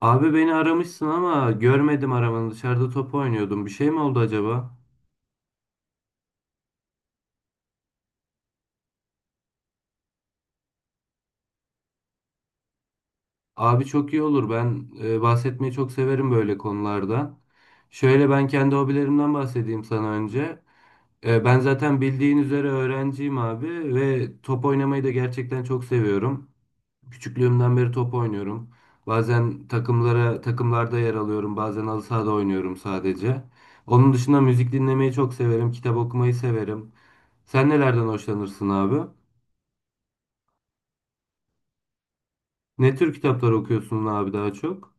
Abi beni aramışsın ama görmedim aramanı. Dışarıda top oynuyordum. Bir şey mi oldu acaba? Abi çok iyi olur. Ben bahsetmeyi çok severim böyle konulardan. Şöyle ben kendi hobilerimden bahsedeyim sana önce. Ben zaten bildiğin üzere öğrenciyim abi ve top oynamayı da gerçekten çok seviyorum. Küçüklüğümden beri top oynuyorum. Bazen takımlarda yer alıyorum. Bazen halı sahada oynuyorum sadece. Onun dışında müzik dinlemeyi çok severim. Kitap okumayı severim. Sen nelerden hoşlanırsın abi? Ne tür kitaplar okuyorsun abi daha çok?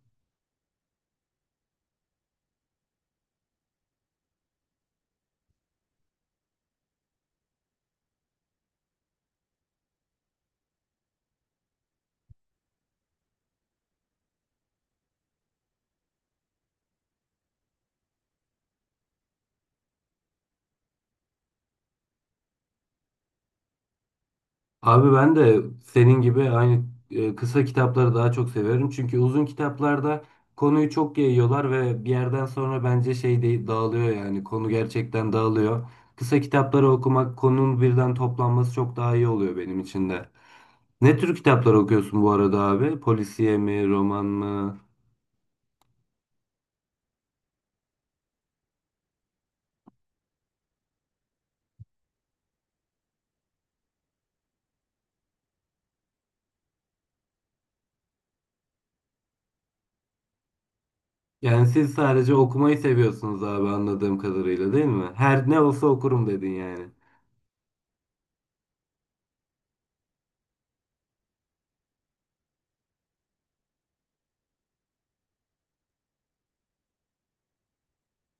Abi ben de senin gibi aynı kısa kitapları daha çok seviyorum. Çünkü uzun kitaplarda konuyu çok yayıyorlar ve bir yerden sonra bence dağılıyor yani. Konu gerçekten dağılıyor. Kısa kitapları okumak, konunun birden toplanması çok daha iyi oluyor benim için de. Ne tür kitaplar okuyorsun bu arada abi? Polisiye mi, roman mı? Yani siz sadece okumayı seviyorsunuz abi anladığım kadarıyla değil mi? Her ne olsa okurum dedin yani.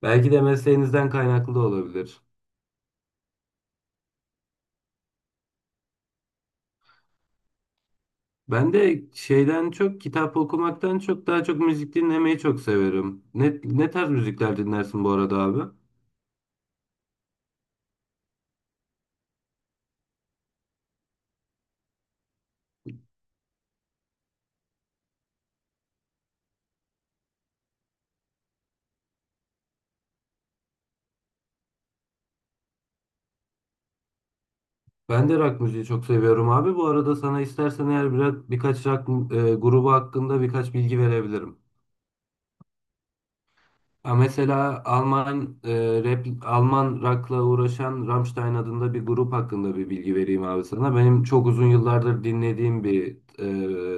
Belki de mesleğinizden kaynaklı da olabilir. Ben de şeyden çok kitap okumaktan çok daha çok müzik dinlemeyi çok severim. Ne tarz müzikler dinlersin bu arada abi? Ben de rock müziği çok seviyorum abi. Bu arada sana istersen eğer biraz birkaç rock grubu hakkında birkaç bilgi verebilirim. Ha, mesela Alman rap, Alman rock'la uğraşan Rammstein adında bir grup hakkında bir bilgi vereyim abi sana. Benim çok uzun yıllardır dinlediğim bir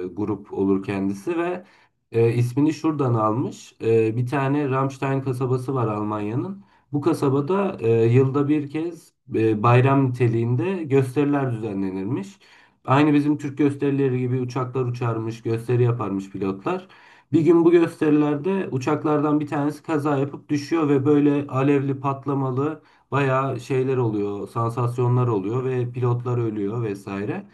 grup olur kendisi ve ismini şuradan almış. Bir tane Rammstein kasabası var Almanya'nın. Bu kasabada yılda bir kez bayram niteliğinde gösteriler düzenlenirmiş. Aynı bizim Türk gösterileri gibi uçaklar uçarmış, gösteri yaparmış pilotlar. Bir gün bu gösterilerde uçaklardan bir tanesi kaza yapıp düşüyor ve böyle alevli patlamalı bayağı şeyler oluyor, sansasyonlar oluyor ve pilotlar ölüyor vesaire.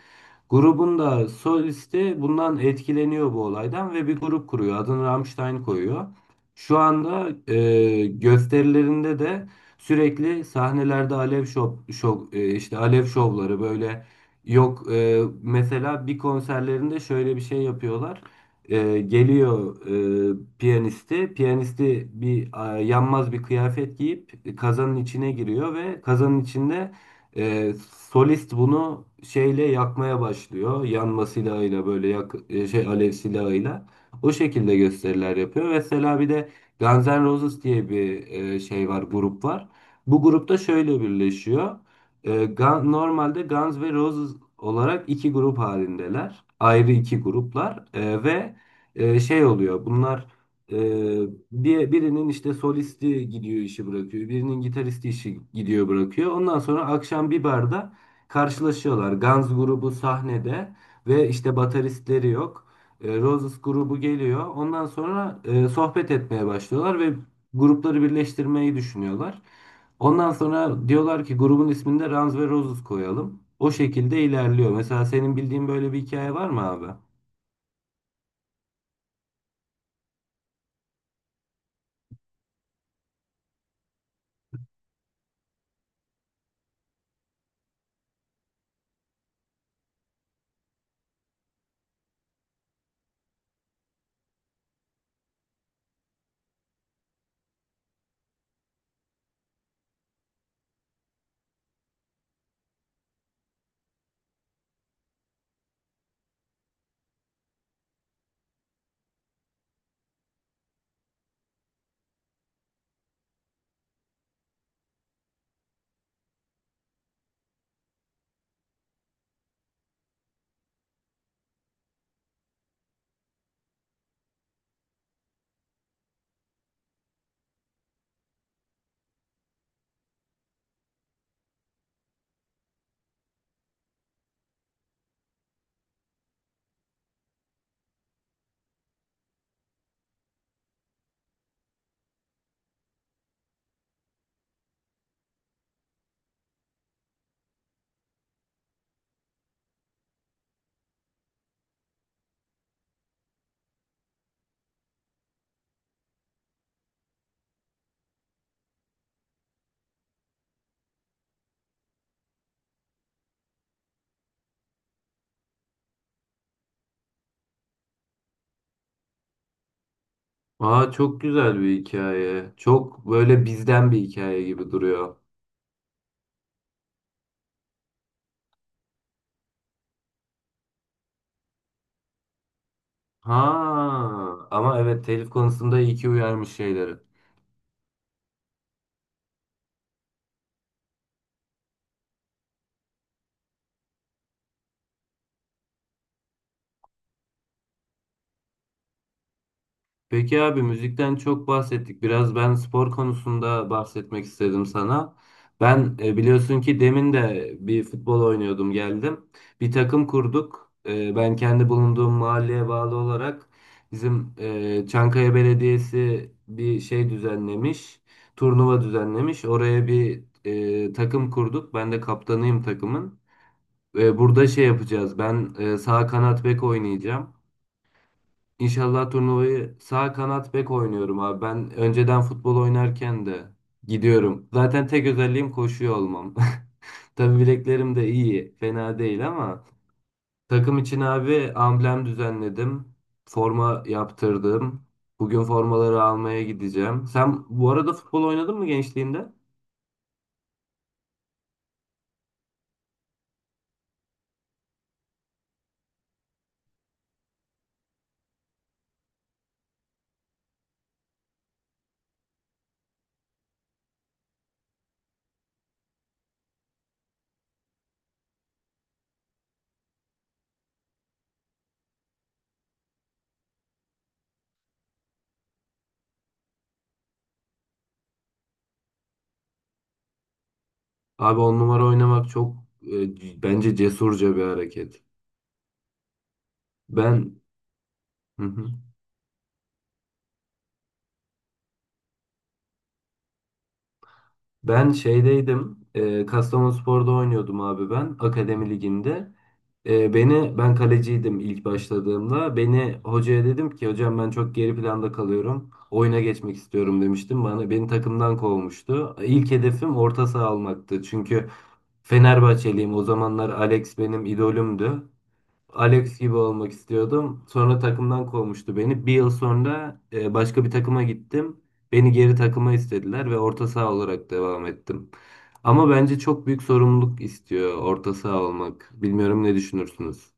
Grubun da solisti bundan etkileniyor bu olaydan ve bir grup kuruyor. Adını Rammstein koyuyor. Şu anda gösterilerinde de sürekli sahnelerde alev şov, şov e, işte alev şovları böyle yok e, mesela bir konserlerinde şöyle bir şey yapıyorlar. Geliyor piyanisti. Piyanisti yanmaz bir kıyafet giyip kazanın içine giriyor ve kazanın içinde ee, solist bunu şeyle yakmaya başlıyor. Yanma silahıyla böyle yak, e, şey alev silahıyla. O şekilde gösteriler yapıyor. Mesela bir de Guns N' Roses diye bir grup var. Bu grupta şöyle birleşiyor. Normalde Guns ve Roses olarak iki grup halindeler. Ayrı iki gruplar. Ve şey oluyor. Bunlar ee, birinin işte solisti gidiyor işi bırakıyor. Birinin gitaristi işi gidiyor bırakıyor. Ondan sonra akşam bir barda karşılaşıyorlar. Guns grubu sahnede ve işte bateristleri yok. Roses grubu geliyor. Ondan sonra sohbet etmeye başlıyorlar ve grupları birleştirmeyi düşünüyorlar. Ondan sonra diyorlar ki grubun ismini de Guns ve Roses koyalım. O şekilde ilerliyor. Mesela senin bildiğin böyle bir hikaye var mı abi? Aa çok güzel bir hikaye. Çok böyle bizden bir hikaye gibi duruyor. Ha ama evet telif konusunda iyi ki uyarmış şeyleri. Peki abi müzikten çok bahsettik. Biraz ben spor konusunda bahsetmek istedim sana. Ben biliyorsun ki demin de bir futbol oynuyordum geldim. Bir takım kurduk. Ben kendi bulunduğum mahalleye bağlı olarak bizim Çankaya Belediyesi bir şey düzenlemiş. Turnuva düzenlemiş. Oraya bir takım kurduk. Ben de kaptanıyım takımın. Burada şey yapacağız. Ben sağ kanat bek oynayacağım. İnşallah turnuvayı sağ kanat bek oynuyorum abi. Ben önceden futbol oynarken de gidiyorum. Zaten tek özelliğim koşuyor olmam. Tabii bileklerim de iyi, fena değil ama takım için abi amblem düzenledim. Forma yaptırdım. Bugün formaları almaya gideceğim. Sen bu arada futbol oynadın mı gençliğinde? Abi 10 numara oynamak çok bence cesurca bir hareket. Ben Ben şeydeydim. Kastamonuspor'da oynuyordum abi ben. Akademi liginde. Ben kaleciydim ilk başladığımda. Beni hocaya dedim ki hocam ben çok geri planda kalıyorum. Oyuna geçmek istiyorum demiştim. Beni takımdan kovmuştu. İlk hedefim orta saha almaktı. Çünkü Fenerbahçeliyim. O zamanlar Alex benim idolümdü. Alex gibi olmak istiyordum. Sonra takımdan kovmuştu beni. Bir yıl sonra başka bir takıma gittim. Beni geri takıma istediler ve orta saha olarak devam ettim. Ama bence çok büyük sorumluluk istiyor orta saha olmak. Bilmiyorum ne düşünürsünüz?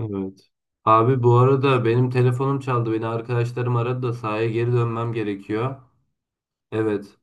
Evet. Abi bu arada benim telefonum çaldı. Beni arkadaşlarım aradı da sahaya geri dönmem gerekiyor. Evet.